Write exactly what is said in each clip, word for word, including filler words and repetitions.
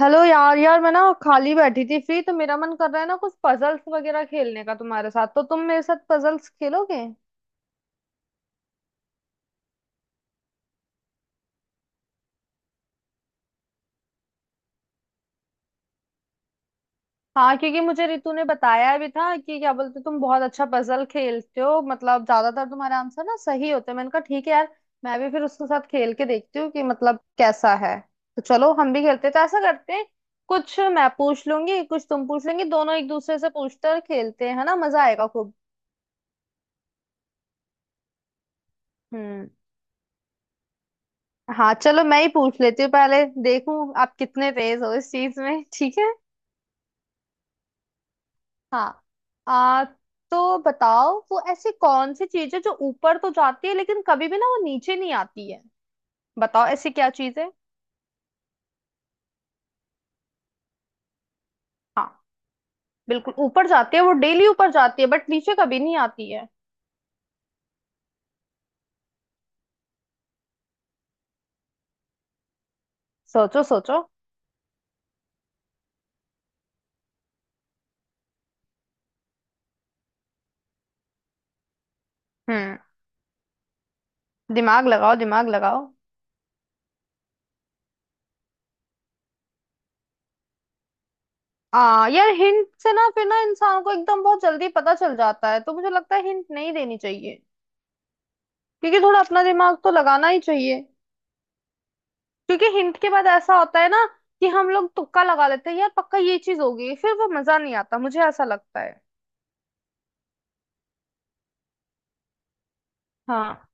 Hello यार यार, मैं ना खाली बैठी थी, फ्री। तो मेरा मन कर रहा है ना कुछ पजल्स वगैरह खेलने का तुम्हारे साथ, तो तुम मेरे साथ पजल्स खेलोगे? हाँ, क्योंकि मुझे रितु ने बताया भी था कि क्या बोलते तुम बहुत अच्छा पजल खेलते हो, मतलब ज्यादातर तुम्हारे आंसर ना सही होते हैं। मैंने कहा ठीक है यार, मैं भी फिर उसके साथ खेल के देखती हूँ कि मतलब कैसा है। तो चलो हम भी खेलते हैं। तो ऐसा करते हैं, कुछ मैं पूछ लूंगी कुछ तुम पूछ लेंगी, दोनों एक दूसरे से पूछकर खेलते हैं, है ना? मजा आएगा खूब। हम्म। हाँ चलो, मैं ही पूछ लेती हूँ, पहले देखूं आप कितने तेज हो इस चीज में, ठीक है? हाँ। आ, तो बताओ, वो ऐसी कौन सी चीज है जो ऊपर तो जाती है लेकिन कभी भी ना वो नीचे नहीं आती है? बताओ ऐसी क्या चीज है? हाँ, बिल्कुल ऊपर जाती है, वो डेली ऊपर जाती है, बट नीचे कभी नहीं आती है। सोचो सोचो। हम्म। दिमाग लगाओ दिमाग लगाओ। आ यार, हिंट से ना फिर ना इंसान को एकदम बहुत जल्दी पता चल जाता है, तो मुझे लगता है हिंट नहीं देनी चाहिए। क्योंकि थोड़ा अपना दिमाग तो लगाना ही चाहिए। क्योंकि हिंट के बाद ऐसा होता है ना कि हम लोग तुक्का लगा लेते हैं, यार पक्का ये चीज होगी, फिर वो मजा नहीं आता, मुझे ऐसा लगता है। हाँ,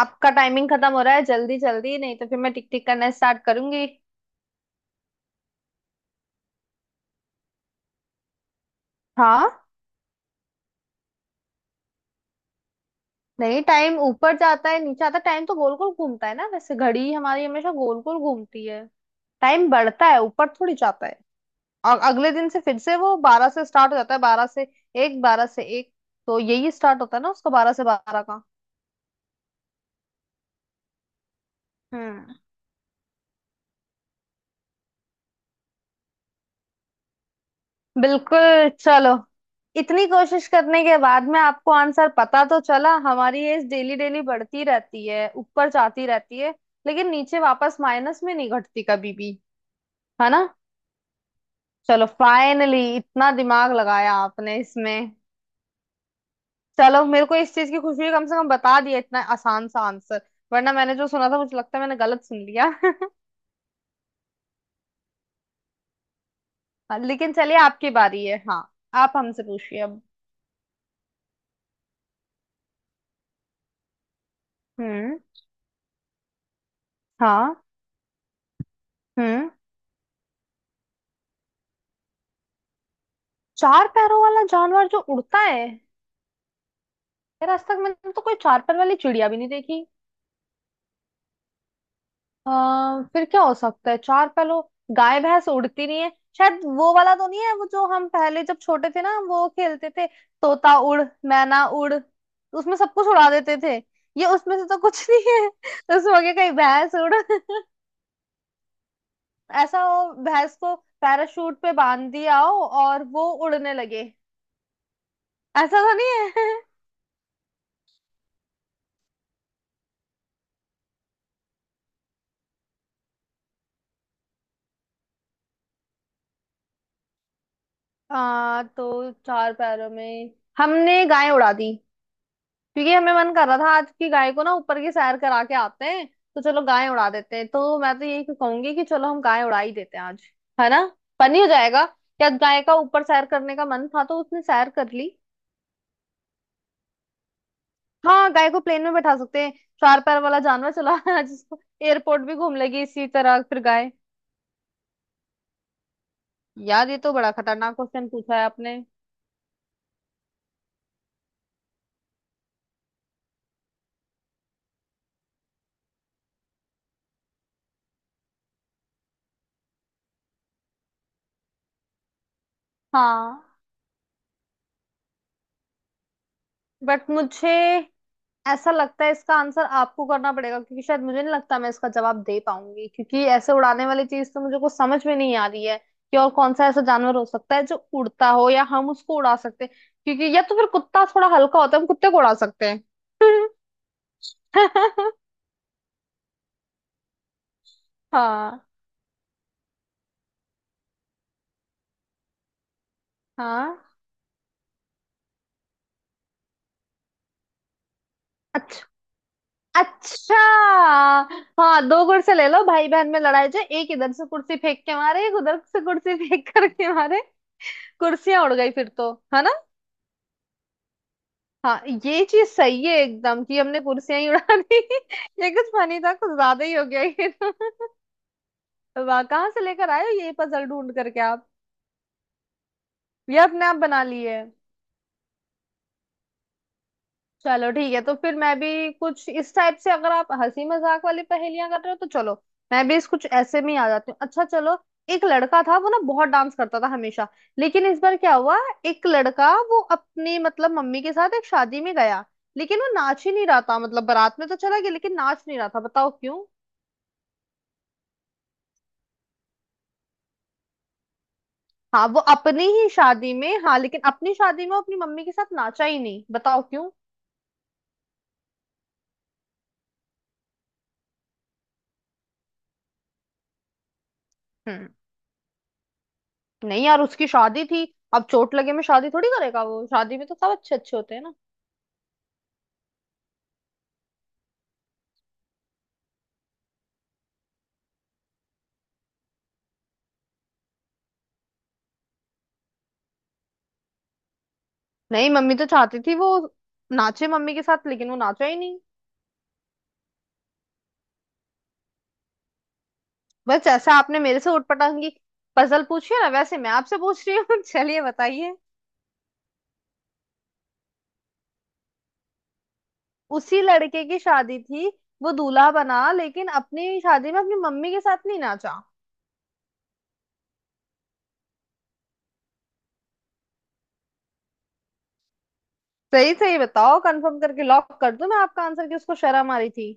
आपका टाइमिंग खत्म हो रहा है, जल्दी जल्दी नहीं तो फिर मैं टिक टिक करना स्टार्ट करूंगी। हाँ, नहीं, टाइम ऊपर जाता है नीचे आता है, टाइम तो गोल गोल घूमता है ना, वैसे घड़ी हमारी हमेशा गोल गोल घूमती है। टाइम बढ़ता है, ऊपर थोड़ी जाता है। और अगले दिन से फिर से वो बारह से स्टार्ट हो जाता है, बारह से एक, बारह से एक, तो यही स्टार्ट होता है ना उसका, बारह से बारह का। हम्म। बिल्कुल चलो, इतनी कोशिश करने के बाद में आपको आंसर पता तो चला। हमारी एज डेली डेली बढ़ती रहती है, ऊपर जाती रहती है। लेकिन नीचे वापस माइनस में नहीं घटती कभी भी, है ना? चलो, फाइनली इतना दिमाग लगाया आपने इसमें। चलो, मेरे को इस चीज की खुशी है कम से कम बता दिया इतना आसान सा आंसर। वरना मैंने जो सुना था, मुझे लगता है मैंने गलत सुन लिया। हाँ, लेकिन चलिए आपकी बारी है, हाँ। आप हमसे पूछिए अब। हम्म। हाँ। हम्म। चार पैरों वाला जानवर जो उड़ता है। यार आज तक मैंने तो कोई चार पैर वाली चिड़िया भी नहीं देखी। आ, फिर क्या हो सकता है चार पैरों? गाय भैंस उड़ती नहीं है। शायद वो वाला तो नहीं है, वो जो हम पहले जब छोटे थे ना वो खेलते थे, तोता उड़, मैना उड़, उसमें सब कुछ उड़ा देते थे। ये उसमें से तो कुछ नहीं है। उसमें हो गया कहीं भैंस उड़। ऐसा हो भैंस को पैराशूट पे बांध दिया हो और वो उड़ने लगे। ऐसा तो नहीं है। हाँ, तो चार पैरों में हमने गाय उड़ा दी। क्योंकि हमें मन कर रहा था आज की गाय को ना ऊपर की सैर करा के आते हैं, तो चलो गाय उड़ा देते हैं। तो मैं तो यही कहूंगी कि चलो हम गाय उड़ा ही देते हैं आज, है ना? फनी हो जाएगा, क्या गाय का ऊपर सैर करने का मन था तो उसने सैर कर ली। हाँ, गाय को प्लेन में बैठा सकते हैं। चार पैर वाला जानवर चला जिसको एयरपोर्ट भी घूम लेगी इसी तरह फिर गाय। यार ये तो बड़ा खतरनाक क्वेश्चन पूछा है आपने। हाँ, बट मुझे ऐसा लगता है इसका आंसर आपको करना पड़ेगा, क्योंकि शायद मुझे नहीं लगता मैं इसका जवाब दे पाऊंगी, क्योंकि ऐसे उड़ाने वाली चीज तो मुझे कुछ समझ में नहीं आ रही है। कि और कौन सा ऐसा जानवर हो सकता है जो उड़ता हो या हम उसको उड़ा सकते हैं? क्योंकि या तो फिर कुत्ता थोड़ा हल्का होता है, हम कुत्ते को उड़ा सकते हैं। हाँ, हाँ। अच्छा, अच्छा। हाँ, दो कुर्सी ले लो, भाई बहन में लड़ाई, जो एक इधर से कुर्सी फेंक के मारे एक उधर से कुर्सी फेंक करके मारे। कुर्सियां उड़ गई फिर तो, है ना? हाँ, ये चीज सही है एकदम कि हमने कुर्सियां ही उड़ा दी। ये कुछ फनी था, कुछ ज्यादा ही हो गया ये। तो वाह, कहाँ से लेकर आए हो ये पजल ढूंढ करके आप? ये अपने आप बना लिए। चलो ठीक है, तो फिर मैं भी कुछ इस टाइप से, अगर आप हंसी मजाक वाली पहेलियां कर रहे हो तो चलो मैं भी इस कुछ ऐसे में ही आ जाती हूँ। अच्छा चलो। एक लड़का था वो ना बहुत डांस करता था हमेशा, लेकिन इस बार क्या हुआ, एक लड़का वो अपनी मतलब मम्मी के साथ एक शादी में गया, लेकिन वो नाच ही नहीं रहा था, मतलब बारात में तो चला गया लेकिन नाच नहीं रहा था, बताओ क्यों? हाँ वो अपनी ही शादी में, हाँ, लेकिन अपनी शादी में वो अपनी मम्मी के साथ नाचा ही नहीं, बताओ क्यों? हम्म। नहीं यार, उसकी शादी थी, अब चोट लगे में शादी थोड़ी करेगा, वो शादी में तो सब अच्छे अच्छे होते हैं ना। नहीं, मम्मी तो चाहती थी वो नाचे मम्मी के साथ, लेकिन वो नाचा ही नहीं। बस जैसा आपने मेरे से उटपटांग की पजल पूछी है ना, वैसे मैं आपसे पूछ रही हूँ। चलिए बताइए। उसी लड़के की शादी थी, वो दूल्हा बना लेकिन अपनी शादी में अपनी मम्मी के साथ नहीं नाचा। सही सही बताओ, कंफर्म करके लॉक कर दूं मैं आपका आंसर कि उसको शर्म आ रही थी?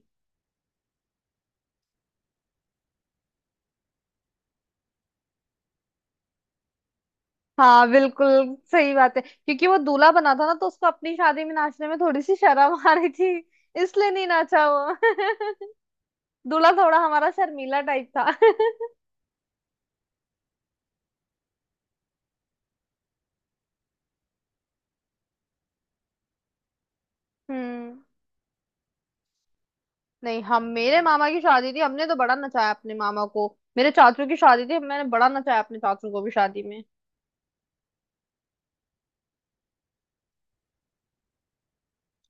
हाँ, बिल्कुल सही बात है, क्योंकि वो दूल्हा बना था ना तो उसको अपनी शादी में नाचने में थोड़ी सी शर्म आ रही थी, इसलिए नहीं नाचा वो। दूल्हा थोड़ा हमारा शर्मीला टाइप था। हम्म। नहीं, हम, मेरे मामा की शादी थी, हमने तो बड़ा नचाया अपने मामा को। मेरे चाचू की शादी थी, मैंने बड़ा नचाया अपने चाचू को भी शादी में।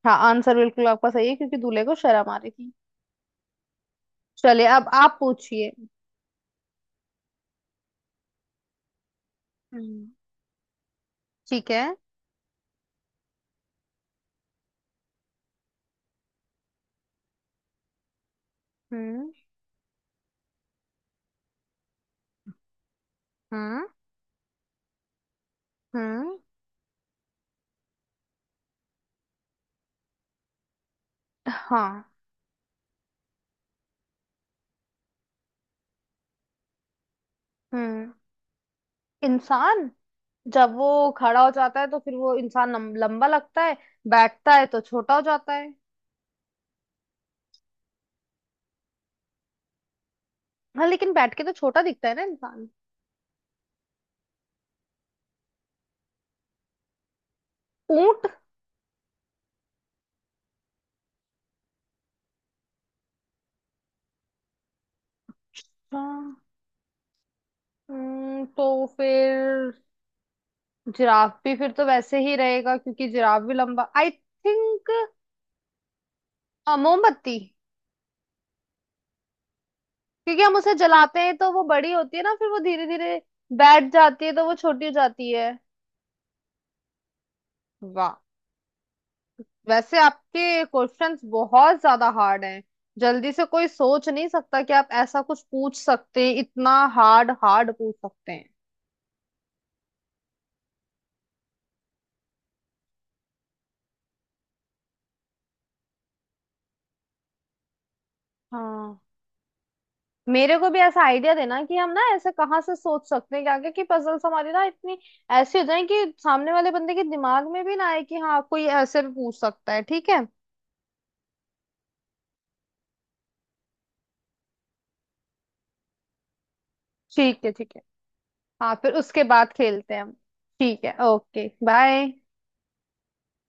हाँ, आंसर बिल्कुल आपका सही है, क्योंकि दूल्हे को शर्म आ रही थी। चलिए अब आप पूछिए। हम्म। ठीक है। हम्म। हम्म। हम्म। हाँ। हम्म। इंसान, जब वो खड़ा हो जाता है तो फिर वो इंसान लम- लंबा लगता है, बैठता है तो छोटा हो जाता है। हाँ, लेकिन बैठ के तो छोटा दिखता है ना इंसान। ऊंट। हाँ, हम्म, तो फिर जिराफ भी फिर तो वैसे ही रहेगा क्योंकि जिराफ भी लंबा, आई थिंक। मोमबत्ती। क्योंकि हम उसे जलाते हैं तो वो बड़ी होती है ना, फिर वो धीरे धीरे बैठ जाती है तो वो छोटी हो जाती है। वाह। वैसे आपके क्वेश्चंस बहुत ज्यादा हार्ड हैं। जल्दी से कोई सोच नहीं सकता कि आप ऐसा कुछ पूछ सकते हैं, इतना हार्ड हार्ड पूछ सकते हैं। हाँ, मेरे को भी ऐसा आइडिया देना कि हम ना ऐसे कहाँ से सोच सकते हैं कि आगे की पजल्स हमारी ना इतनी ऐसी हो जाए कि सामने वाले बंदे के दिमाग में भी ना आए कि हाँ कोई ऐसे भी पूछ सकता है, ठीक है? ठीक है, ठीक है। हाँ, फिर उसके बाद खेलते हैं हम। ठीक है। Okay bye.